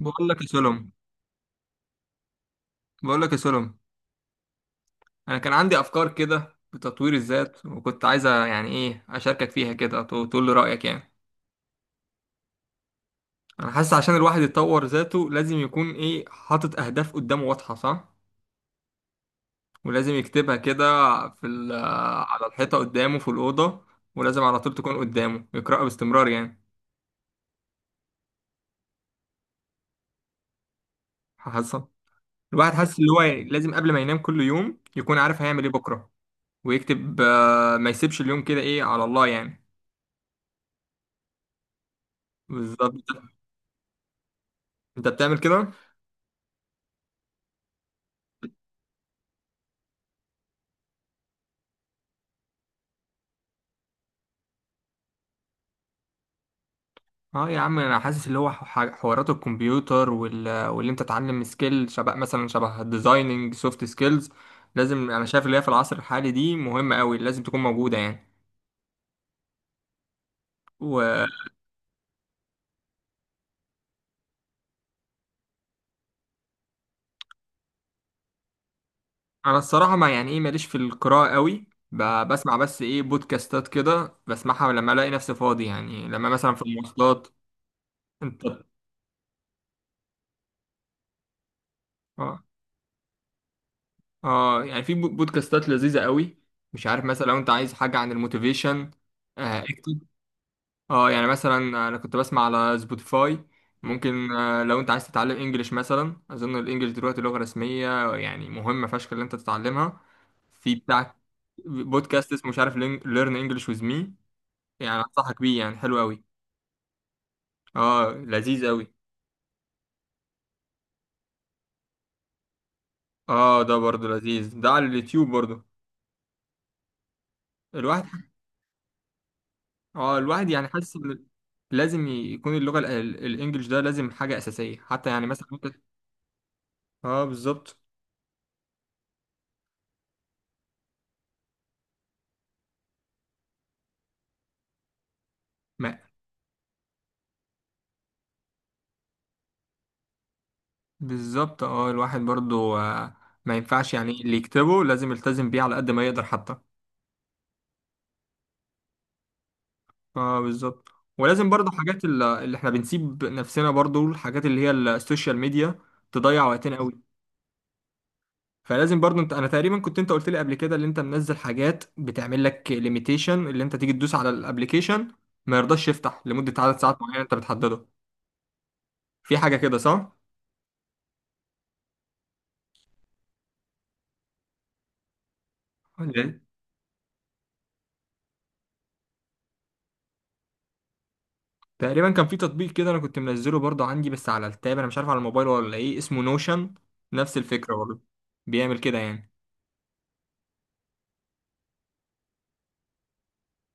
بقول لك يا سلم بقول لك يا سلم، انا كان عندي افكار كده بتطوير الذات وكنت عايزه يعني ايه اشاركك فيها كده تقول لي رايك يعني. انا حاسس عشان الواحد يطور ذاته لازم يكون ايه حاطط اهداف قدامه واضحه، صح. ولازم يكتبها كده في ال- على الحيطه قدامه في الاوضه، ولازم على طول تكون قدامه يقراها باستمرار يعني. حاسس الواحد حاسس اللي هو لازم قبل ما ينام كل يوم يكون عارف هيعمل ايه بكره، ويكتب، ما يسيبش اليوم كده ايه على الله يعني. بالظبط، انت بتعمل كده. اه يا عم، انا حاسس اللي هو حوارات الكمبيوتر واللي انت تتعلم سكيل، شبه الديزايننج، سوفت سكيلز. انا شايف اللي هي في العصر الحالي دي مهمة قوي، لازم تكون موجودة يعني. وانا الصراحة ما يعني ايه ماليش في القراءة قوي. بسمع بس ايه بودكاستات كده بسمعها لما الاقي نفسي فاضي يعني، لما مثلا في المواصلات. انت؟ اه، اه، يعني في بودكاستات لذيذة قوي. مش عارف مثلا، لو انت عايز حاجة عن الموتيفيشن، اه يعني مثلا انا كنت بسمع على سبوتيفاي. ممكن، لو انت عايز تتعلم انجليش مثلا، اظن الانجليش دلوقتي لغة رسمية، يعني مهمة فشخ اللي انت تتعلمها. في بتاع بودكاست اسمه مش عارف ليرن انجليش ويز مي، يعني انصحك بيه، يعني حلو قوي. اه لذيذ قوي. اه ده برضه لذيذ، ده على اليوتيوب برضه. الواحد اه الواحد يعني حاسس ان لازم يكون اللغة الانجليش ده لازم حاجة اساسية، حتى يعني مثلا. اه بالظبط. بالظبط، اه الواحد برضو، ما ينفعش يعني اللي يكتبه لازم يلتزم بيه على قد ما يقدر حتى. اه بالظبط. ولازم برضو حاجات اللي احنا بنسيب نفسنا برضو، الحاجات اللي هي السوشيال ميديا تضيع وقتنا قوي. فلازم برضو انت، انا تقريبا كنت انت قلت لي قبل كده اللي انت منزل حاجات بتعمل لك ليميتيشن، اللي انت تيجي تدوس على الابليكيشن ما يرضاش يفتح لمدة عدد ساعات معينة انت بتحدده. في حاجة كده صح؟ تقريبا كان في تطبيق كده انا كنت منزله برضه عندي، بس على التاب، انا مش عارف على الموبايل ولا ايه، اسمه نوشن. نفس الفكره برضه، بيعمل كده يعني.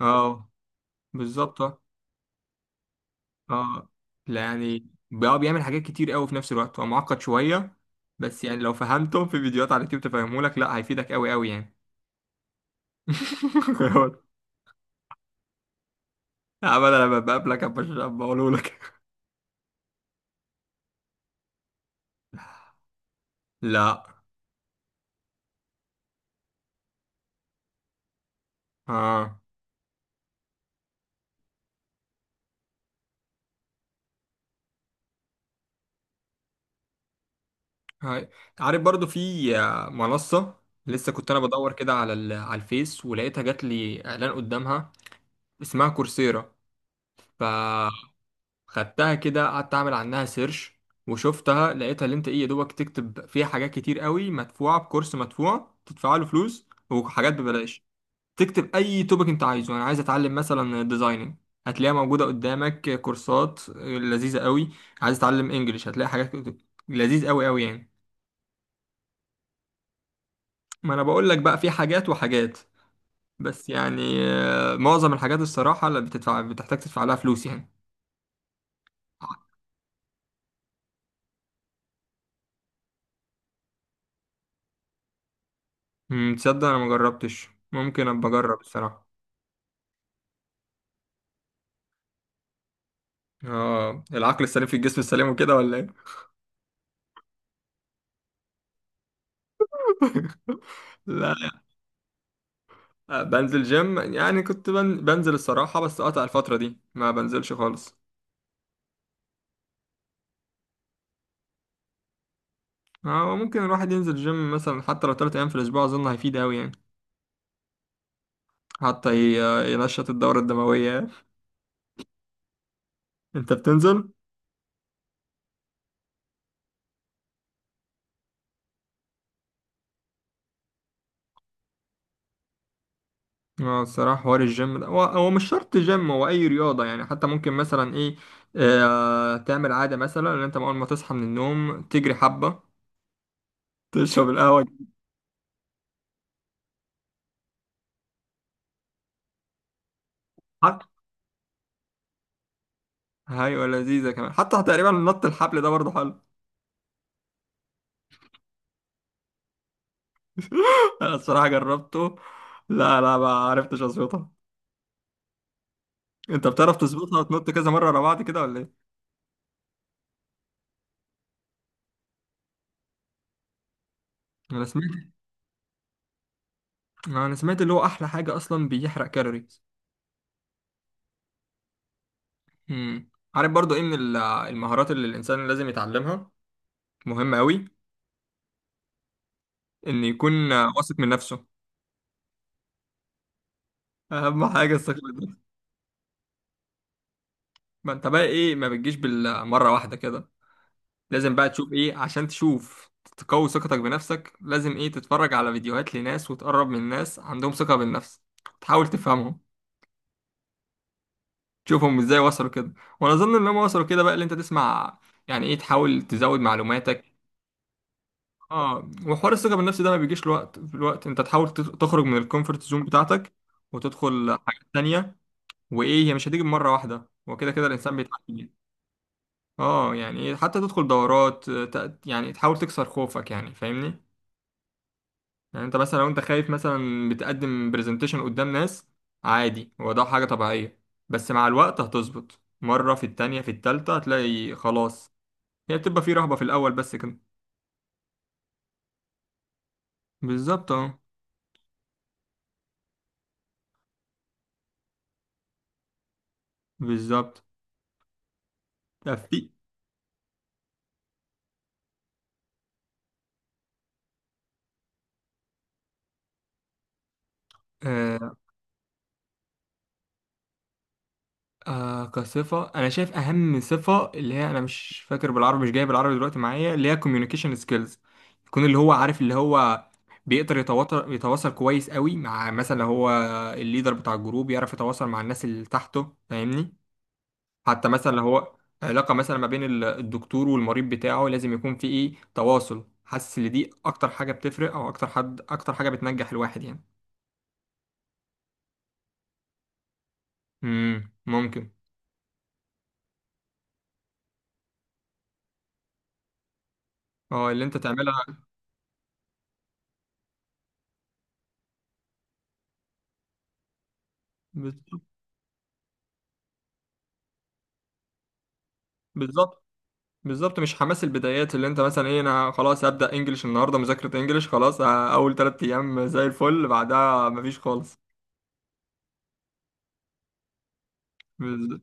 اه بالظبط، اه، آه. لا، يعني بقى بيعمل حاجات كتير قوي في نفس الوقت، هو معقد شويه، بس يعني لو فهمته في فيديوهات على اليوتيوب تفهمه لك، لا هيفيدك قوي قوي يعني. عمل، انا لما بقابلك بقوله لك. لا، اه. هاي. عارف برضو في، منصة، لسه كنت انا بدور كده على الفيس، ولقيتها جات لي اعلان قدامها، اسمها كورسيرا، فخدتها. كده قعدت اعمل عنها سيرش، وشفتها، لقيتها اللي انت ايه يا دوبك تكتب فيها حاجات كتير قوي، مدفوعه بكورس مدفوع تدفع له فلوس، وحاجات ببلاش. تكتب اي توبك انت عايزه، انا عايز اتعلم مثلا ديزايننج، هتلاقيها موجوده قدامك كورسات لذيذه قوي. عايز اتعلم انجليش هتلاقي حاجات لذيذ قوي قوي يعني. ما انا بقول لك بقى في حاجات وحاجات، بس يعني، معظم الحاجات الصراحه اللي بتدفع بتحتاج تدفع لها فلوس يعني. تصدق انا ما جربتش، ممكن ابقى اجرب الصراحه. اه العقل السليم في الجسم السليم وكده ولا ايه؟ لا، لا، بنزل جيم، يعني كنت بنزل الصراحه، بس قطع الفتره دي ما بنزلش خالص. اه ممكن الواحد ينزل جيم مثلا حتى لو 3 ايام في الاسبوع، اظن هيفيد قوي يعني، حتى ينشط الدوره الدمويه يعني. انت بتنزل؟ اه الصراحه حوار الجيم ده، هو هو مش شرط جيم، هو اي رياضه يعني. حتى ممكن مثلا ايه، تعمل عاده مثلا ان انت اول ما تصحى من النوم تجري حبه، تشرب القهوة. حتى أيوة، لذيذة كمان، حتى تقريبا نط الحبل ده برضه حلو. أنا الصراحة جربته، لا لا ما عرفتش أظبطها. أنت بتعرف تظبطها وتنط كذا مرة ورا بعض كده ولا إيه؟ أنا سمعت أنا سمعت اللي هو أحلى حاجة أصلا بيحرق كالوريز. امم عارف برضه إيه من المهارات اللي الإنسان لازم يتعلمها، مهمة أوي، إن يكون واثق من نفسه. أهم حاجة الثقة بالنفس. ما أنت بقى إيه، ما بتجيش بالمرة واحدة كده. لازم بقى تشوف ايه عشان تشوف تقوي ثقتك بنفسك. لازم ايه تتفرج على فيديوهات لناس، وتقرب من ناس عندهم ثقة بالنفس، تحاول تفهمهم، تشوفهم ازاي وصلوا كده. وانا اظن ان هم وصلوا كده بقى اللي انت تسمع، يعني ايه تحاول تزود معلوماتك. اه وحوار الثقة بالنفس ده ما بيجيش الوقت في الوقت، انت تحاول تخرج من الكومفورت زون بتاعتك، وتدخل حاجات تانية، وايه هي مش هتيجي مرة واحدة، وكده كده الانسان بيتعلم. اه يعني إيه، حتى تدخل دورات، يعني تحاول تكسر خوفك، يعني فاهمني، يعني انت مثلا لو انت خايف مثلا بتقدم برزنتيشن قدام ناس، عادي هو ده حاجة طبيعية. بس مع الوقت هتظبط، مرة في التانية في التالتة هتلاقي خلاص. هي بتبقى في رهبة في الأول بس كده. بالظبط اه. بالظبط. طب في، آه، كصفة أنا شايف أهم صفة اللي هي أنا مش فاكر بالعربي، مش جايب العربي دلوقتي معايا، اللي هي communication skills. يكون اللي هو عارف اللي هو بيقدر يتواصل كويس قوي مع، مثلا لو هو الليدر بتاع الجروب يعرف يتواصل مع الناس اللي تحته، فاهمني. حتى مثلا لو هو علاقة مثلا ما بين الدكتور والمريض بتاعه، لازم يكون في إيه تواصل. حاسس إن دي أكتر حاجة بتفرق، أو أكتر حاجة بتنجح الواحد يعني. ممكن. اه اللي أنت تعملها. بالظبط، بالظبط، بالظبط. مش حماس البدايات اللي انت مثلا ايه، انا خلاص هبدأ انجليش النهارده، مذاكرة انجليش خلاص اه، اول 3 ايام زي الفل، بعدها مفيش خالص. بز-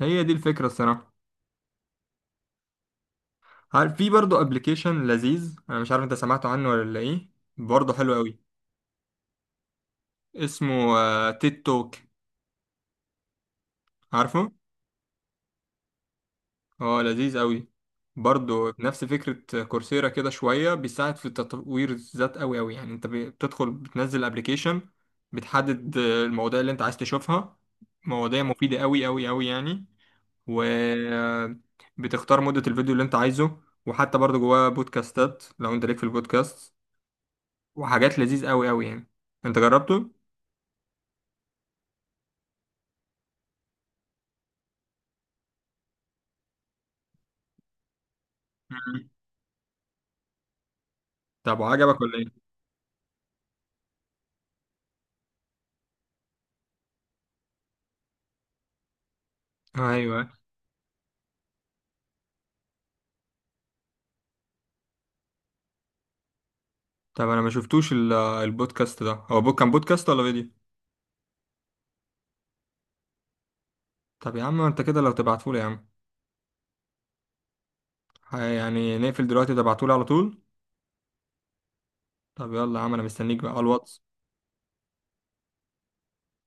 هي دي الفكرة الصراحة. عارف في برضه ابلكيشن لذيذ، انا مش عارف انت سمعت عنه ولا ايه، برضه حلو قوي، اسمه تيك توك، عارفه؟ اه لذيذ قوي. برضه نفس فكرة كورسيرا كده، شوية بيساعد في تطوير الذات قوي قوي يعني. انت بتدخل بتنزل ابلكيشن، بتحدد المواضيع اللي انت عايز تشوفها، مواضيع مفيدة قوي قوي قوي يعني. و بتختار مدة الفيديو اللي انت عايزه، وحتى برضه جواه بودكاستات لو انت ليك في البودكاست، وحاجات لذيذ قوي قوي يعني. انت جربته؟ مم. طب وعجبك ولا ايه؟ ايوه. طب انا ما شفتوش البودكاست ده، هو كان بودكاست ولا فيديو؟ طب يا عم انت كده لو تبعتهولي يا عم، يعني نقفل دلوقتي تبعتهولي على طول. طب يلا يا عم انا مستنيك بقى على الواتس